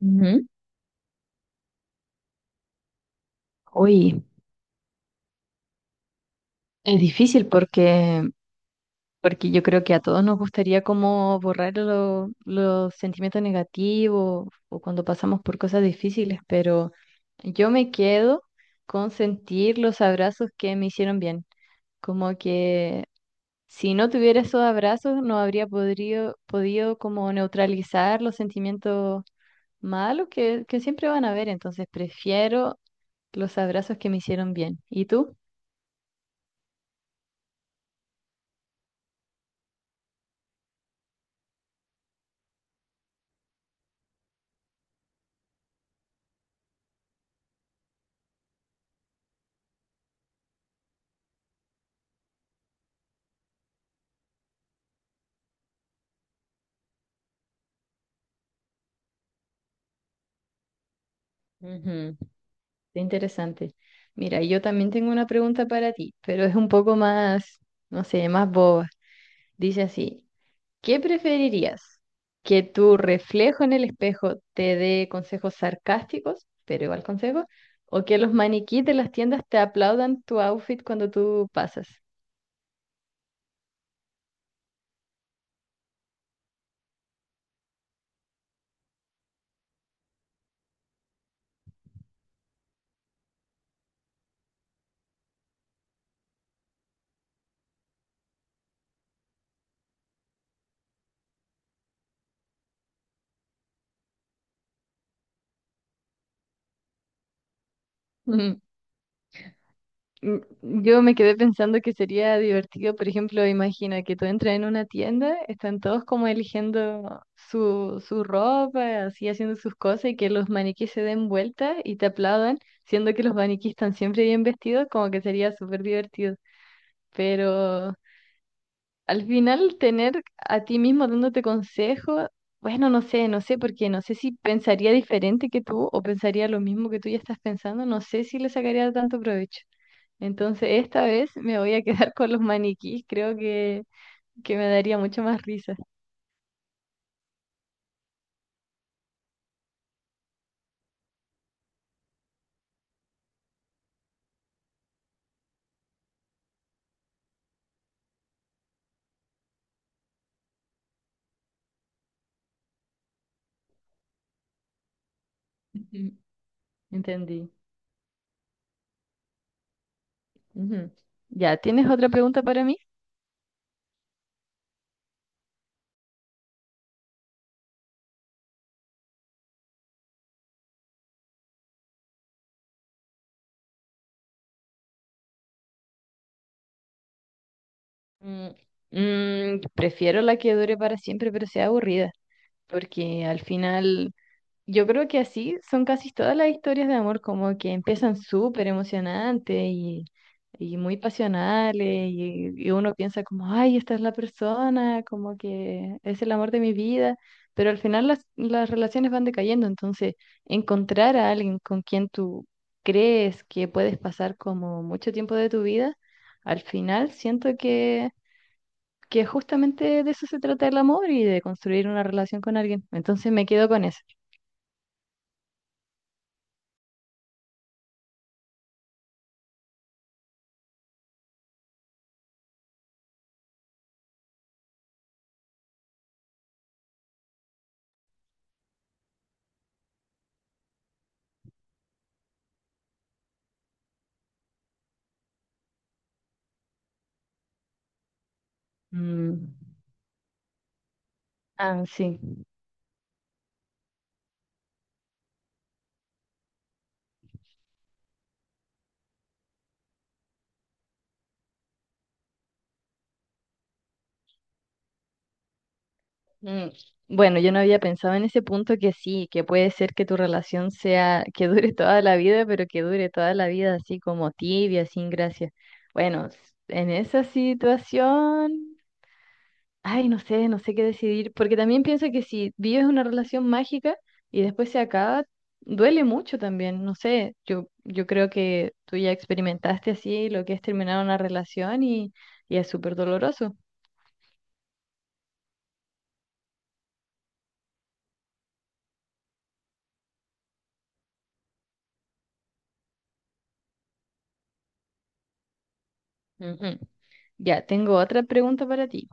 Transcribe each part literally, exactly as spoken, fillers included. Ujú. Uy, es difícil porque, porque yo creo que a todos nos gustaría como borrar lo- los sentimientos negativos o cuando pasamos por cosas difíciles, pero yo me quedo con sentir los abrazos que me hicieron bien. Como que si no tuviera esos abrazos no habría podrido- podido como neutralizar los sentimientos malos que, que siempre van a haber, entonces prefiero los abrazos que me hicieron bien. ¿Y tú? Ujú. Qué interesante. Mira, yo también tengo una pregunta para ti, pero es un poco más, no sé, más boba. Dice así, ¿qué preferirías? ¿Que tu reflejo en el espejo te dé consejos sarcásticos, pero igual consejos? ¿O que los maniquíes de las tiendas te aplaudan tu outfit cuando tú pasas? Mm, Yo me quedé pensando que sería divertido, por ejemplo, imagina que tú entras en una tienda, están todos como eligiendo su, su ropa, así haciendo sus cosas y que los maniquíes se den vuelta y te aplaudan, siendo que los maniquíes están siempre bien vestidos, como que sería súper divertido. Pero al final tener a ti mismo dándote consejos, bueno, no sé, no sé, porque no sé si pensaría diferente que tú o pensaría lo mismo que tú ya estás pensando, no sé si le sacaría tanto provecho. Entonces, esta vez me voy a quedar con los maniquís. Creo que, que me daría mucho más risa. Ujú, Entendí. Ujú. Ya, ¿tienes otra pregunta para mí? Mm, mm, Prefiero la que dure para siempre, pero sea aburrida, porque al final yo creo que así son casi todas las historias de amor, como que empiezan súper emocionantes y, y muy pasionales, y, y uno piensa como, ay, esta es la persona, como que es el amor de mi vida, pero al final las, las relaciones van decayendo, entonces encontrar a alguien con quien tú crees que puedes pasar como mucho tiempo de tu vida, al final siento que, que justamente de eso se trata el amor y de construir una relación con alguien, entonces me quedo con eso. Mm. Ah, sí. Mm, Bueno, yo no había pensado en ese punto que sí, que puede ser que tu relación sea, que dure toda la vida, pero que dure toda la vida así como tibia, sin gracia. Bueno, s- en esa situación, ay, no sé, no sé qué decidir, porque también pienso que si vives una relación mágica y después se acaba, duele mucho también, no sé, yo, yo creo que tú ya experimentaste así lo que es terminar una relación y, y es súper doloroso. Ujú. Ya, tengo otra pregunta para ti.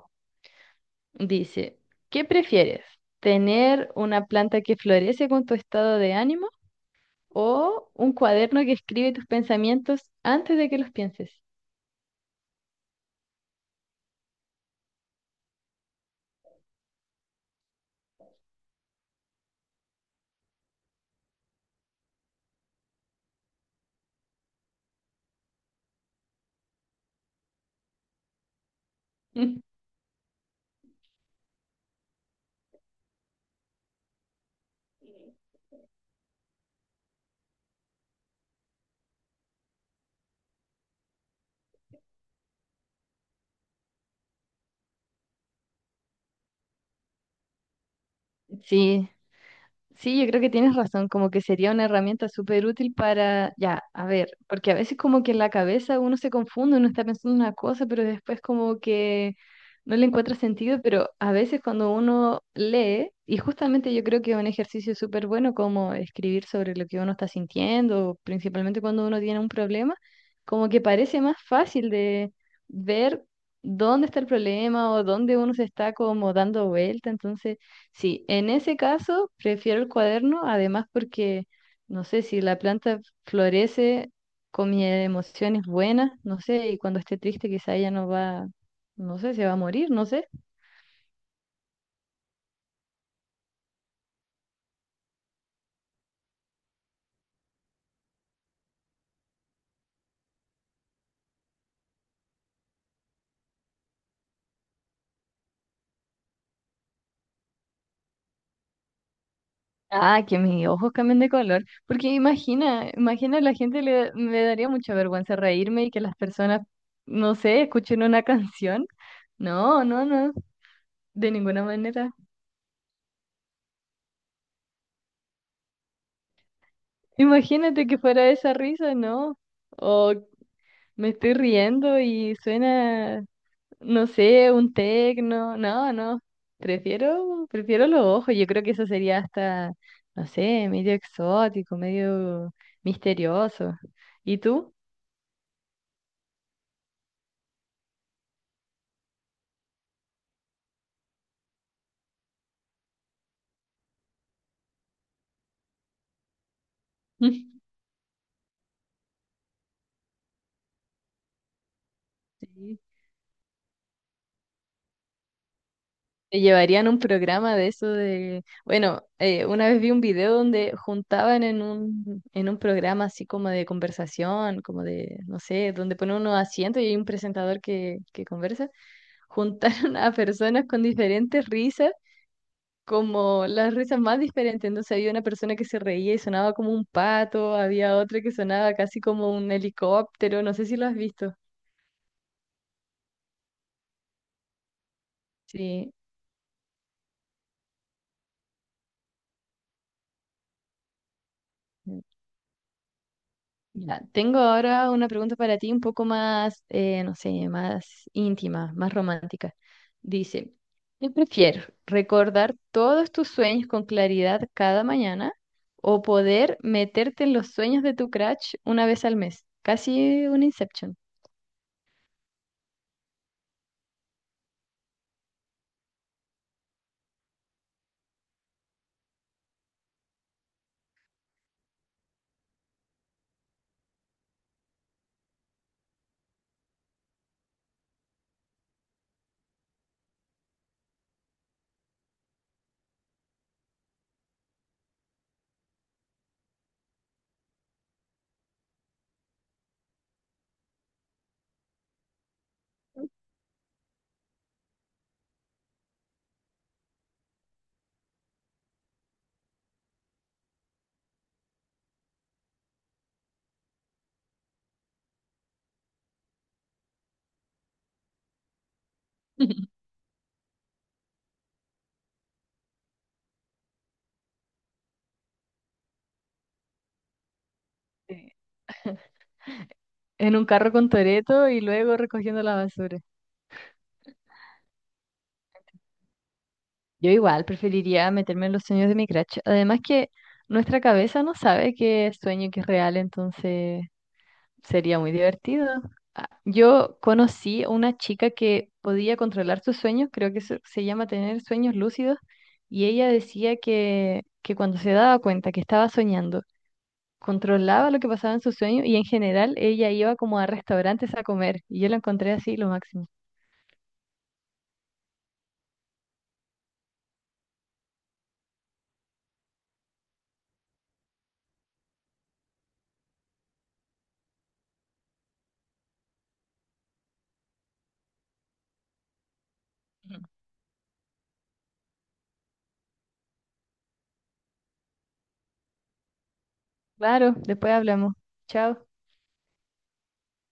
Dice, ¿qué prefieres? ¿Tener una planta que florece con tu estado de ánimo o un cuaderno que escribe tus pensamientos antes de que los pienses? Sí, sí, yo creo que tienes razón, como que sería una herramienta súper útil para, ya, a ver, porque a veces como que en la cabeza uno se confunde, uno está pensando una cosa, pero después como que no le encuentra sentido, pero a veces cuando uno lee, y justamente yo creo que es un ejercicio súper bueno como escribir sobre lo que uno está sintiendo, principalmente cuando uno tiene un problema, como que parece más fácil de ver dónde está el problema o dónde uno se está como dando vuelta, entonces. Sí, en ese caso prefiero el cuaderno, además porque, no sé, si la planta florece con mis emociones buenas, no sé, y cuando esté triste quizá ella no va, no sé, se va a morir, no sé. Ah, que mis ojos cambien de color, porque imagina, imagina la gente le, me daría mucha vergüenza reírme y que las personas, no sé, escuchen una canción. No, no, no, de ninguna manera. Imagínate que fuera esa risa, ¿no? O me estoy riendo y suena, no sé, un tecno. No, no. Prefiero, prefiero los ojos. Yo creo que eso sería hasta, no sé, medio exótico, medio misterioso. ¿Y tú? Sí. Te llevarían un programa de eso de, bueno, eh, una vez vi un video donde juntaban en un, en un programa así como de conversación, como de, no sé, donde ponen unos asientos y hay un presentador que, que conversa, juntaron a personas con diferentes risas, como las risas más diferentes. Entonces había una persona que se reía y sonaba como un pato, había otra que sonaba casi como un helicóptero, no sé si lo has visto. Sí. Mm. Mira, tengo ahora una pregunta para ti un poco más, eh, no sé, más íntima, más romántica. Dice, ¿qué prefieres? ¿Recordar todos tus sueños con claridad cada mañana o poder meterte en los sueños de tu crush una vez al mes? Casi un Inception. Sí. En un carro con Toreto y luego recogiendo la basura. Yo igual preferiría meterme en los sueños de mi crush. Además que nuestra cabeza no sabe qué es sueño y qué es real, entonces sería muy divertido. Ah, yo conocí a una chica que podía controlar sus sueños, creo que eso se llama tener sueños lúcidos, y ella decía que, que cuando se daba cuenta que estaba soñando, controlaba lo que pasaba en sus sueños y en general ella iba como a restaurantes a comer, y yo lo encontré así lo máximo. Claro, después hablamos. Chao.